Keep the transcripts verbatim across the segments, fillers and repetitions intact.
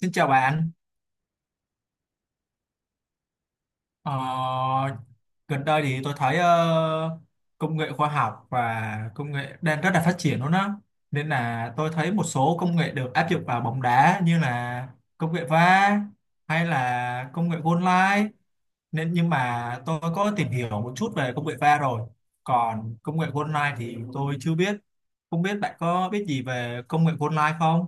Xin chào bạn. Ờ, Gần đây thì tôi thấy ờ, công nghệ khoa học và công nghệ đang rất là phát triển luôn á. Nên là tôi thấy một số công nghệ được áp dụng vào bóng đá như là công nghệ vê a rờ hay là công nghệ goal line. Nên nhưng mà tôi có tìm hiểu một chút về công nghệ vê a rờ rồi. Còn công nghệ goal line thì tôi chưa biết. Không biết bạn có biết gì về công nghệ goal line không?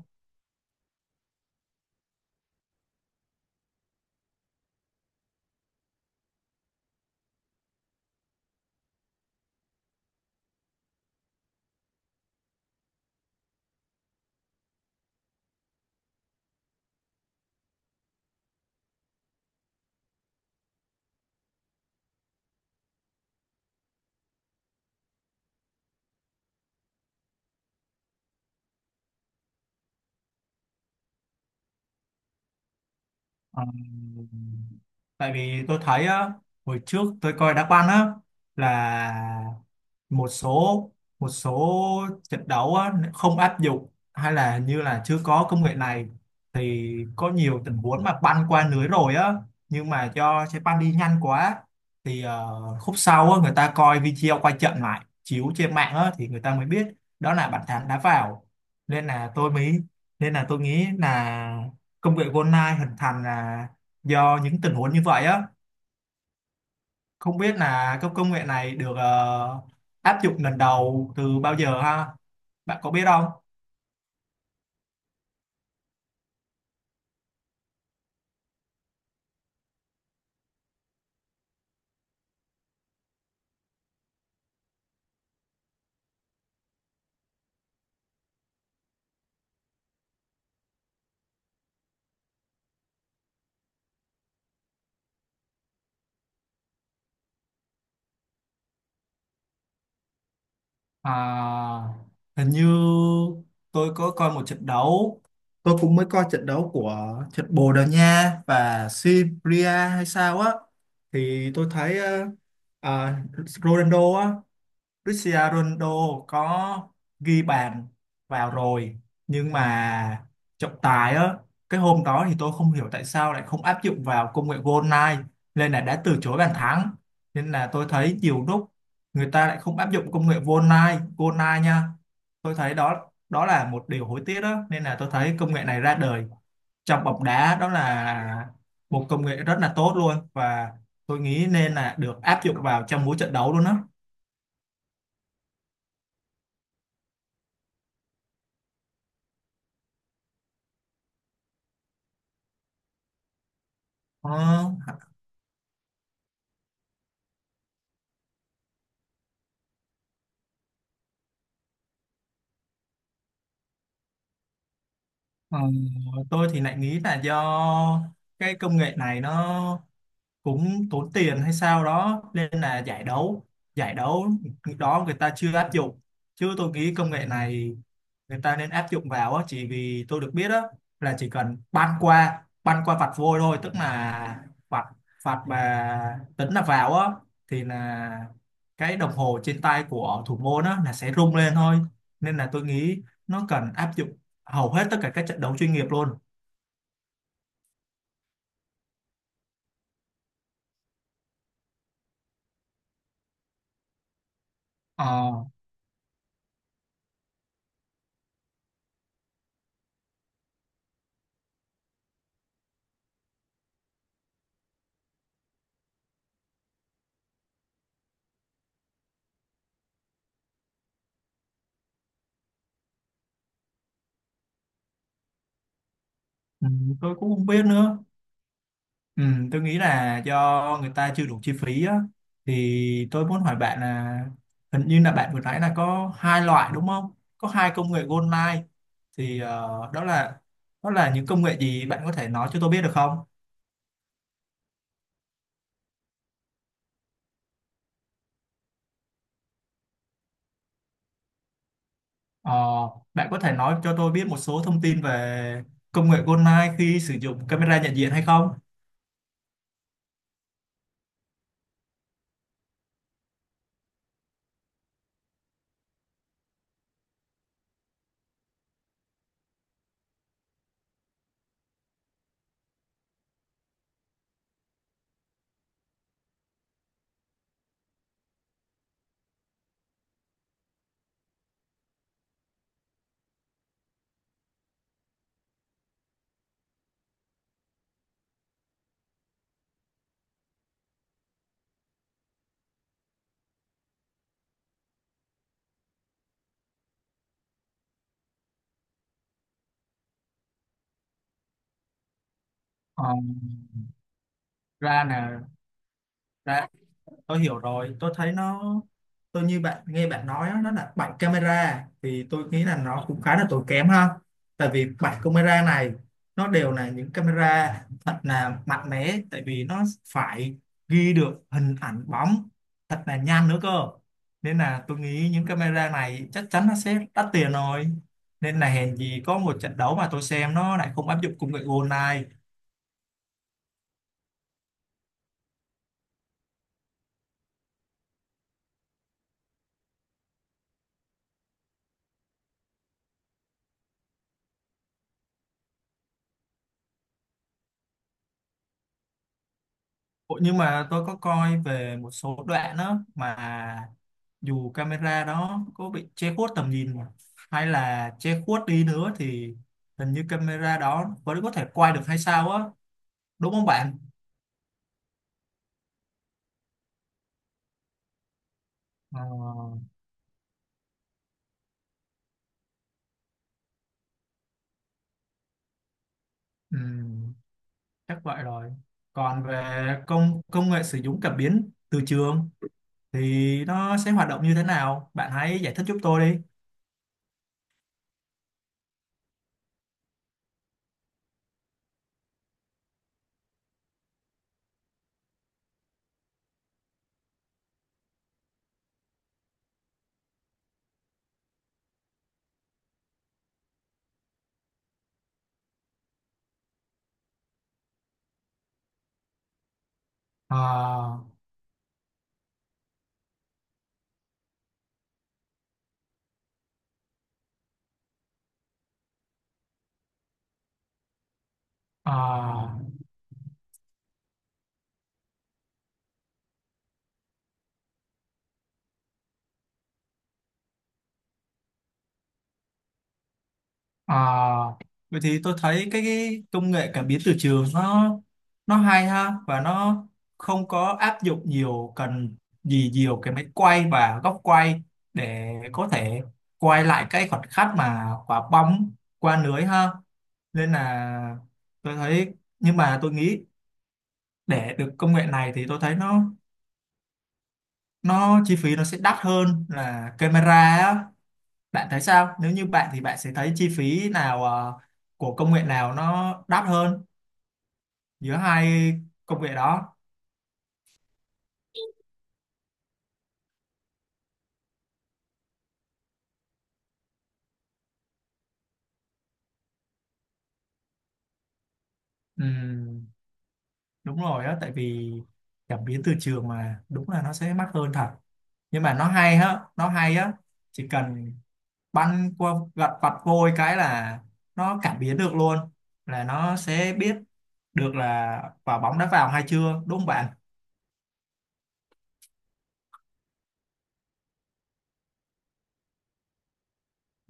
Ờ, Tại vì tôi thấy á, hồi trước tôi coi đá banh á là một số một số trận đấu á, không áp dụng hay là như là chưa có công nghệ này thì có nhiều tình huống mà banh qua lưới rồi á, nhưng mà do trái banh đi nhanh quá thì ờ, khúc sau á, người ta coi video quay trận lại chiếu trên mạng á, thì người ta mới biết đó là bàn thắng đá vào. nên là tôi mới Nên là tôi nghĩ là công nghệ GoldenEye hình thành là do những tình huống như vậy á. Không biết là các công nghệ này được ờ, áp dụng lần đầu từ bao giờ ha, bạn có biết không? À, hình như tôi có coi một trận đấu, tôi cũng mới coi trận đấu của trận Bồ Đào Nha và Serbia hay sao á, thì tôi thấy ờ, à, Ronaldo á, Cristiano Ronaldo có ghi bàn vào rồi, nhưng mà trọng tài á, cái hôm đó thì tôi không hiểu tại sao lại không áp dụng vào công nghệ goal line nên là đã từ chối bàn thắng. Nên là tôi thấy nhiều lúc người ta lại không áp dụng công nghệ goal line goal line nha. Tôi thấy đó đó là một điều hối tiếc đó, nên là tôi thấy công nghệ này ra đời trong bóng đá đó là một công nghệ rất là tốt luôn, và tôi nghĩ nên là được áp dụng vào trong mỗi trận đấu luôn đó. Ờ. Ờ, tôi thì lại nghĩ là do cái công nghệ này nó cũng tốn tiền hay sao đó nên là giải đấu giải đấu đó người ta chưa áp dụng, chứ tôi nghĩ công nghệ này người ta nên áp dụng vào á, chỉ vì tôi được biết á là chỉ cần băn qua băn qua vạch vôi thôi, tức là vạch vạch mà tính là vào á thì là cái đồng hồ trên tay của thủ môn á là sẽ rung lên thôi. Nên là tôi nghĩ nó cần áp dụng hầu hết tất cả các trận đấu chuyên nghiệp luôn. Ờ. Ừ, tôi cũng không biết nữa. Ừ, tôi nghĩ là do người ta chưa đủ chi phí á. Thì tôi muốn hỏi bạn là hình như là bạn vừa nãy là có hai loại đúng không? Có hai công nghệ gold line, thì ờ, đó là đó là những công nghệ gì, bạn có thể nói cho tôi biết được không? Ờ, Bạn có thể nói cho tôi biết một số thông tin về công nghệ gold line khi sử dụng camera nhận diện hay không? Ờ, Ra nè, ra, tôi hiểu rồi. Tôi thấy nó, tôi như bạn, nghe bạn nói á, nó là bảy camera thì tôi nghĩ là nó cũng khá là tốn kém ha. Tại vì bảy camera này nó đều là những camera thật là mạnh mẽ, tại vì nó phải ghi được hình ảnh bóng thật là nhanh nữa cơ. Nên là tôi nghĩ những camera này chắc chắn nó sẽ đắt tiền rồi, nên là hèn gì có một trận đấu mà tôi xem nó lại không áp dụng công nghệ gold này. Ủa, nhưng mà tôi có coi về một số đoạn đó mà dù camera đó có bị che khuất tầm nhìn mà, hay là che khuất đi nữa thì hình như camera đó vẫn có thể quay được hay sao á, đúng không bạn? Ờ. Ừm, chắc vậy rồi. Còn về công công nghệ sử dụng cảm biến từ trường thì nó sẽ hoạt động như thế nào? Bạn hãy giải thích giúp tôi đi. Ờ. Ờ. À, vậy thì tôi thấy cái, cái công nghệ cảm biến từ trường nó nó hay ha, và nó không có áp dụng nhiều, cần gì nhiều cái máy quay và góc quay để có thể quay lại cái khoảnh khắc mà quả bóng qua lưới ha. Nên là tôi thấy, nhưng mà tôi nghĩ để được công nghệ này thì tôi thấy nó nó chi phí nó sẽ đắt hơn là camera á. Bạn thấy sao? Nếu như bạn thì bạn sẽ thấy chi phí nào ờ, của công nghệ nào nó đắt hơn giữa hai công nghệ đó? Ừm, đúng rồi á, tại vì cảm biến từ trường mà, đúng là nó sẽ mắc hơn thật. Nhưng mà nó hay á, nó hay á, chỉ cần băn qua gật vặt vôi cái là nó cảm biến được luôn, là nó sẽ biết được là quả bóng đã vào hay chưa, đúng không bạn?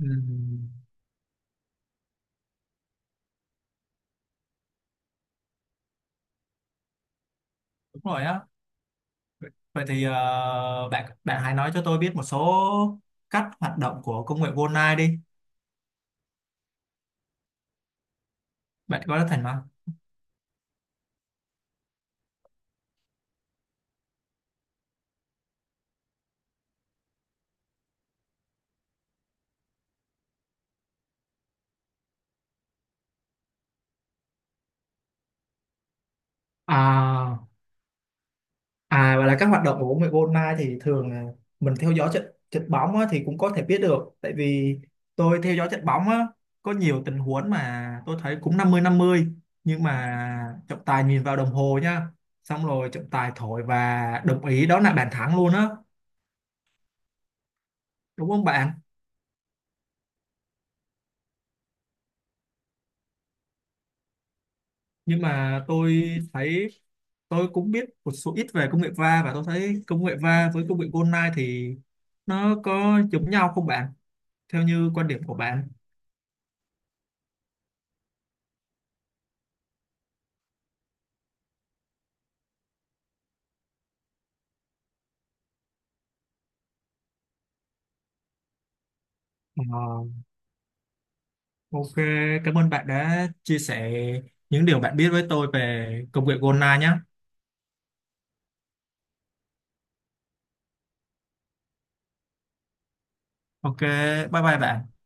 Ừm, đúng rồi á. Vậy thì ờ, bạn bạn hãy nói cho tôi biết một số cách hoạt động của công nghệ Goldeneye đi. Bạn có thể thành không? À, à, và là các hoạt động của bóng rổ online thì thường là mình theo dõi trận trận bóng á, thì cũng có thể biết được. Tại vì tôi theo dõi trận bóng á, có nhiều tình huống mà tôi thấy cũng năm mươi năm mươi, nhưng mà trọng tài nhìn vào đồng hồ nha, xong rồi trọng tài thổi và đồng ý đó là bàn thắng luôn á, đúng không bạn? Nhưng mà tôi thấy, tôi cũng biết một số ít về công nghệ va, và tôi thấy công nghệ va với công nghệ online thì nó có giống nhau không bạn, theo như quan điểm của bạn? Ờ, ok, cảm ơn bạn đã chia sẻ những điều bạn biết với tôi về công nghệ online nhé. Ok, bye bye bạn.